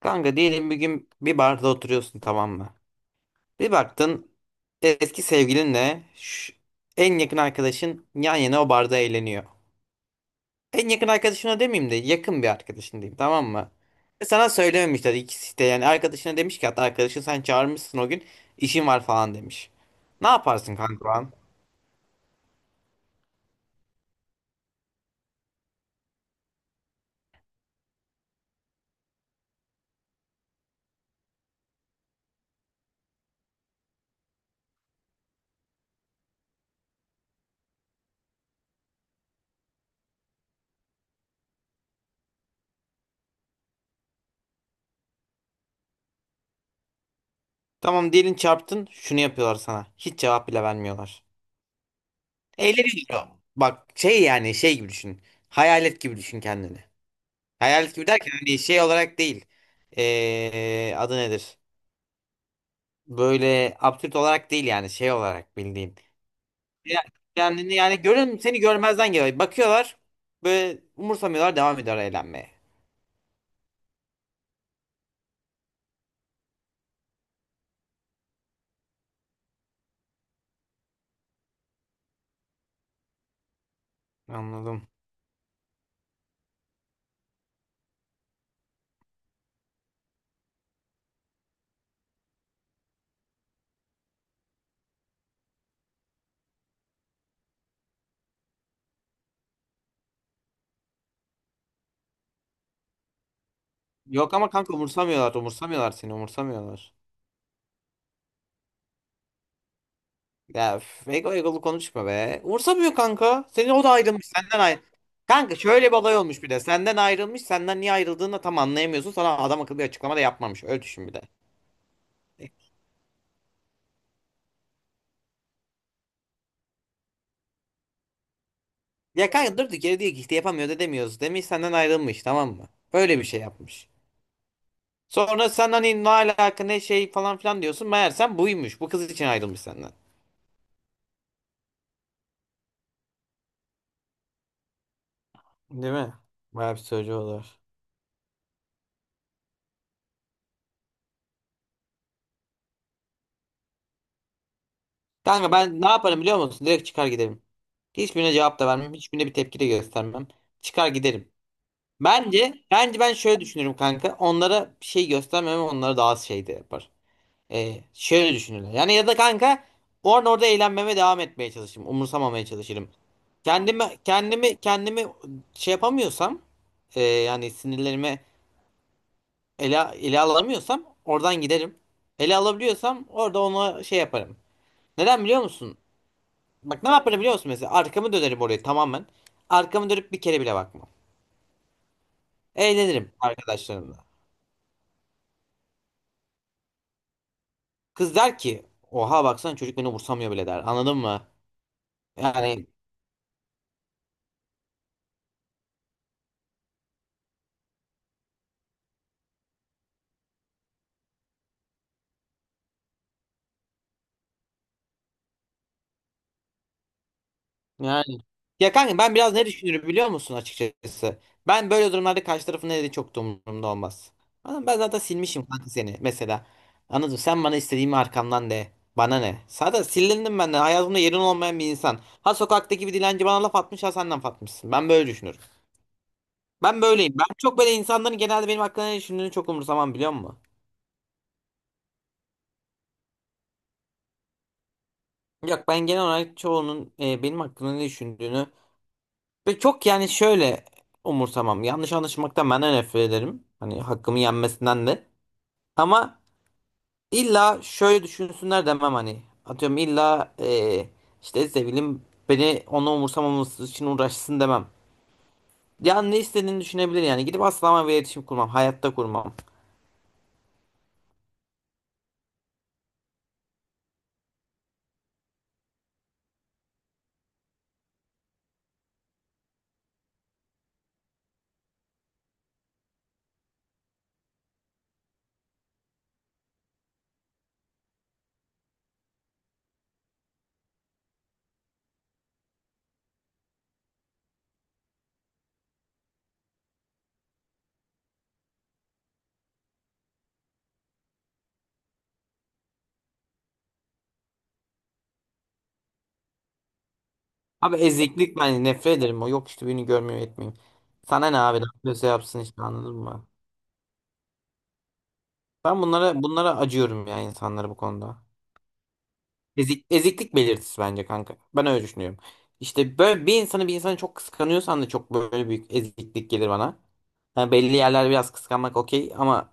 Kanka diyelim bir gün bir barda oturuyorsun, tamam mı? Bir baktın eski sevgilinle en yakın arkadaşın yan yana o barda eğleniyor. En yakın arkadaşına demeyeyim de yakın bir arkadaşın diyeyim, tamam mı? Ve sana söylememişler ikisi de, yani arkadaşına demiş ki, hatta arkadaşın sen çağırmışsın o gün, işin var falan demiş. Ne yaparsın kanka o an? Tamam, diyelim çarptın, şunu yapıyorlar sana. Hiç cevap bile vermiyorlar. Eğleniyor. Bak şey, yani şey gibi düşün. Hayalet gibi düşün kendini. Hayalet gibi derken hani şey olarak değil. Adı nedir? Böyle absürt olarak değil, yani şey olarak bildiğin. Ya- Kendini yani görün, seni görmezden geliyor. Bakıyorlar, böyle umursamıyorlar, devam ediyor eğlenmeye. Anladım. Yok ama kanka, umursamıyorlar. Umursamıyorlar, seni umursamıyorlar. Ya üf, ego, egolu konuşma be. Umursamıyor kanka. Senin o da ayrılmış, senden ayrı. Kanka şöyle bir olay olmuş bir de. Senden ayrılmış. Senden niye ayrıldığını da tam anlayamıyorsun. Sana adam akıllı bir açıklama da yapmamış. Öyle düşün bir de. Ya kanka durdu geri, diyor ki işte yapamıyoruz edemiyoruz demiş, senden ayrılmış, tamam mı? Böyle bir şey yapmış. Sonra sen hani ne alaka ne şey falan filan diyorsun. Meğersem buymuş. Bu kız için ayrılmış senden. Değil mi? Bayağı bir söylüyor olur. Kanka ben ne yaparım biliyor musun? Direkt çıkar giderim. Hiçbirine cevap da vermem. Hiçbirine bir tepki de göstermem. Çıkar giderim. Bence ben şöyle düşünürüm kanka. Onlara bir şey göstermem, onlara daha az şey de yapar. Şöyle düşünürler. Yani ya da kanka orada eğlenmeme devam etmeye çalışırım. Umursamamaya çalışırım. Kendimi şey yapamıyorsam, yani sinirlerimi ele alamıyorsam oradan giderim. Ele alabiliyorsam orada ona şey yaparım. Neden biliyor musun? Bak ne yaparım biliyor musun mesela? Arkamı dönerim oraya tamamen. Arkamı dönüp bir kere bile bakmam. Eğlenirim arkadaşlarımla. Kız der ki oha baksana, çocuk beni umursamıyor bile der. Anladın mı? Yani yani. Ya kanka ben biraz ne düşünürüm biliyor musun açıkçası? Ben böyle durumlarda karşı tarafın ne dediği çok da umurumda olmaz. Anladın mı? Ben zaten silmişim kanka seni mesela. Anladın mı? Sen bana istediğimi arkamdan de. Bana ne? Zaten silindim benden. Hayatımda yerin olmayan bir insan. Ha sokaktaki bir dilenci bana laf atmış, ha sen laf atmışsın. Ben böyle düşünürüm. Ben böyleyim. Ben çok böyle insanların genelde benim hakkında ne düşündüğünü çok umursamam, biliyor musun? Yok, ben genel olarak çoğunun benim hakkında ne düşündüğünü ve çok yani şöyle umursamam. Yanlış anlaşılmaktan ben de nefret ederim. Hani hakkımı yenmesinden de. Ama illa şöyle düşünsünler demem hani. Atıyorum illa işte sevgilim beni, onu umursamaması için uğraşsın demem. Yani ne istediğini düşünebilir yani. Gidip asla ama bir iletişim kurmam. Hayatta kurmam. Abi eziklik, ben nefret ederim. O yok işte, birini görmüyor etmeyeyim. Sana ne abi? Ne yapıyorsa yapsın işte, anladın mı? Ben bunlara acıyorum ya, insanlara bu konuda. Ezik, eziklik belirtisi bence kanka. Ben öyle düşünüyorum. İşte böyle bir insanı çok kıskanıyorsan da çok böyle büyük eziklik gelir bana. Yani belli yerler biraz kıskanmak okey, ama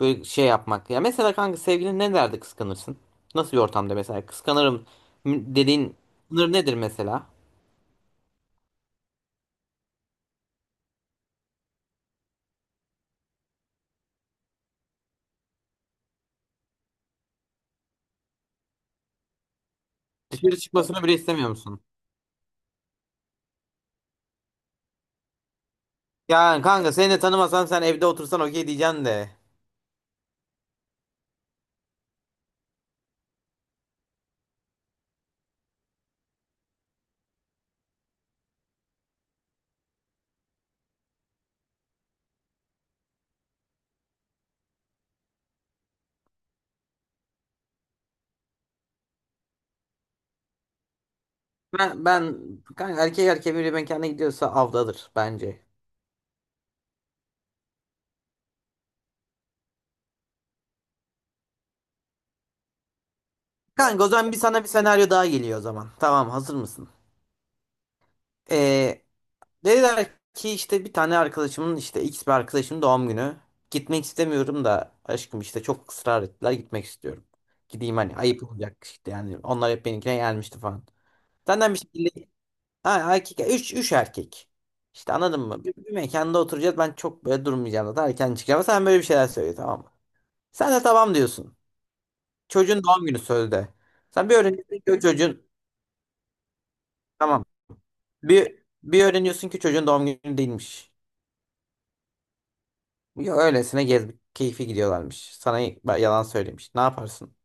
böyle şey yapmak. Ya mesela kanka sevgilin ne derdi kıskanırsın? Nasıl bir ortamda mesela kıskanırım dediğin sınır nedir mesela? Dışarı çıkmasını bile istemiyor musun? Yani kanka seni de tanımasam sen evde otursan okey diyeceksin de. Ben kanka erkek erkeğe bir mekana gidiyorsa avdadır bence. Kanka o zaman bir sana bir senaryo daha geliyor o zaman. Tamam, hazır mısın? Ee, Dediler ki işte bir tane arkadaşımın, işte X bir arkadaşımın doğum günü. Gitmek istemiyorum da aşkım, işte çok ısrar ettiler, gitmek istiyorum. Gideyim hani, ayıp olacak işte, yani onlar hep benimkine gelmişti falan. Senden bir şekilde ha, üç erkek. İşte anladın mı? Bir mekanda oturacağız, ben çok böyle durmayacağım zaten, erken çıkacağım. Sen böyle bir şeyler söyle, tamam mı? Sen de tamam diyorsun. Çocuğun doğum günü sözde. Sen bir öğreniyorsun ki o çocuğun tamam. Bir öğreniyorsun ki çocuğun doğum günü değilmiş. Yo, öylesine gezmek keyfi gidiyorlarmış. Sana yalan söylemiş. Ne yaparsın?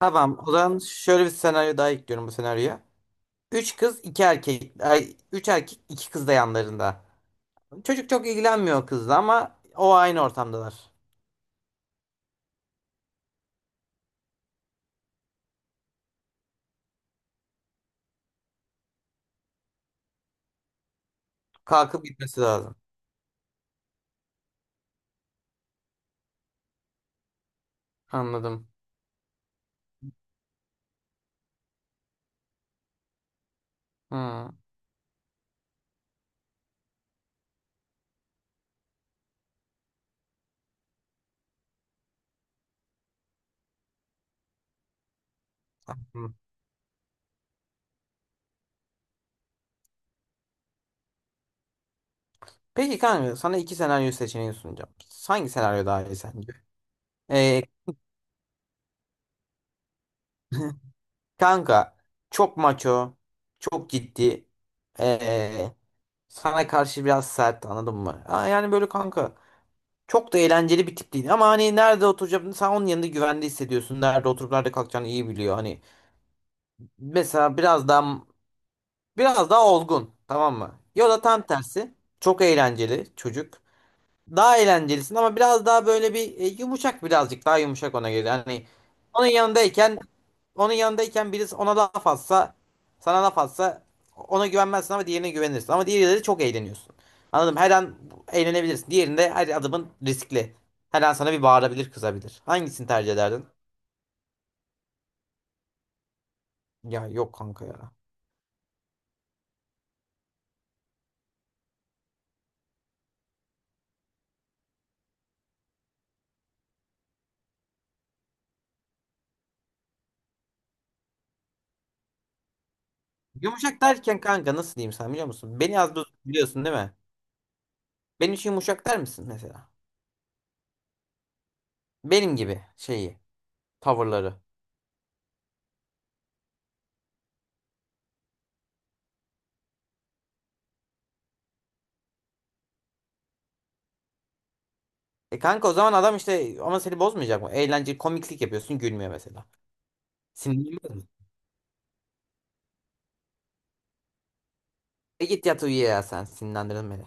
Tamam. O zaman şöyle bir senaryo daha ekliyorum bu senaryoya. Üç kız, iki erkek. Ay, üç erkek, iki kız da yanlarında. Çocuk çok ilgilenmiyor kızla ama o aynı ortamdalar. Kalkıp gitmesi lazım. Anladım. Hmm. Hı. Peki kanka, sana iki senaryo seçeneği sunacağım. Hangi senaryo daha iyi sence? Ee, kanka çok maço, çok ciddi. ee, Sana karşı biraz sert, anladın mı? Ya yani böyle kanka çok da eğlenceli bir tip değil ama hani nerede oturacağını, sen onun yanında güvende hissediyorsun. Nerede oturup nerede kalkacağını iyi biliyor. Hani mesela biraz daha olgun, tamam mı? Ya da tam tersi çok eğlenceli çocuk. Daha eğlencelisin ama biraz daha böyle bir yumuşak, birazcık daha yumuşak ona göre. Hani onun yanındayken onun yanındayken birisi ona laf atsa, sana laf atsa, ona güvenmezsin ama diğerine güvenirsin. Ama diğeriyle çok eğleniyorsun. Anladım. Her an eğlenebilirsin. Diğerinde her adımın riskli. Her an sana bir bağırabilir, kızabilir. Hangisini tercih ederdin? Ya yok kanka ya. Yumuşak derken kanka nasıl diyeyim, sen biliyor musun? Beni az buz biliyorsun değil mi? Benim için yumuşak der misin mesela? Benim gibi şeyi, tavırları. E kanka, o zaman adam işte, ama seni bozmayacak mı? Eğlenceli komiklik yapıyorsun, gülmüyor mesela. Sinirlenmez mi? E git yat uyu ya, sen sinirlendirin beni.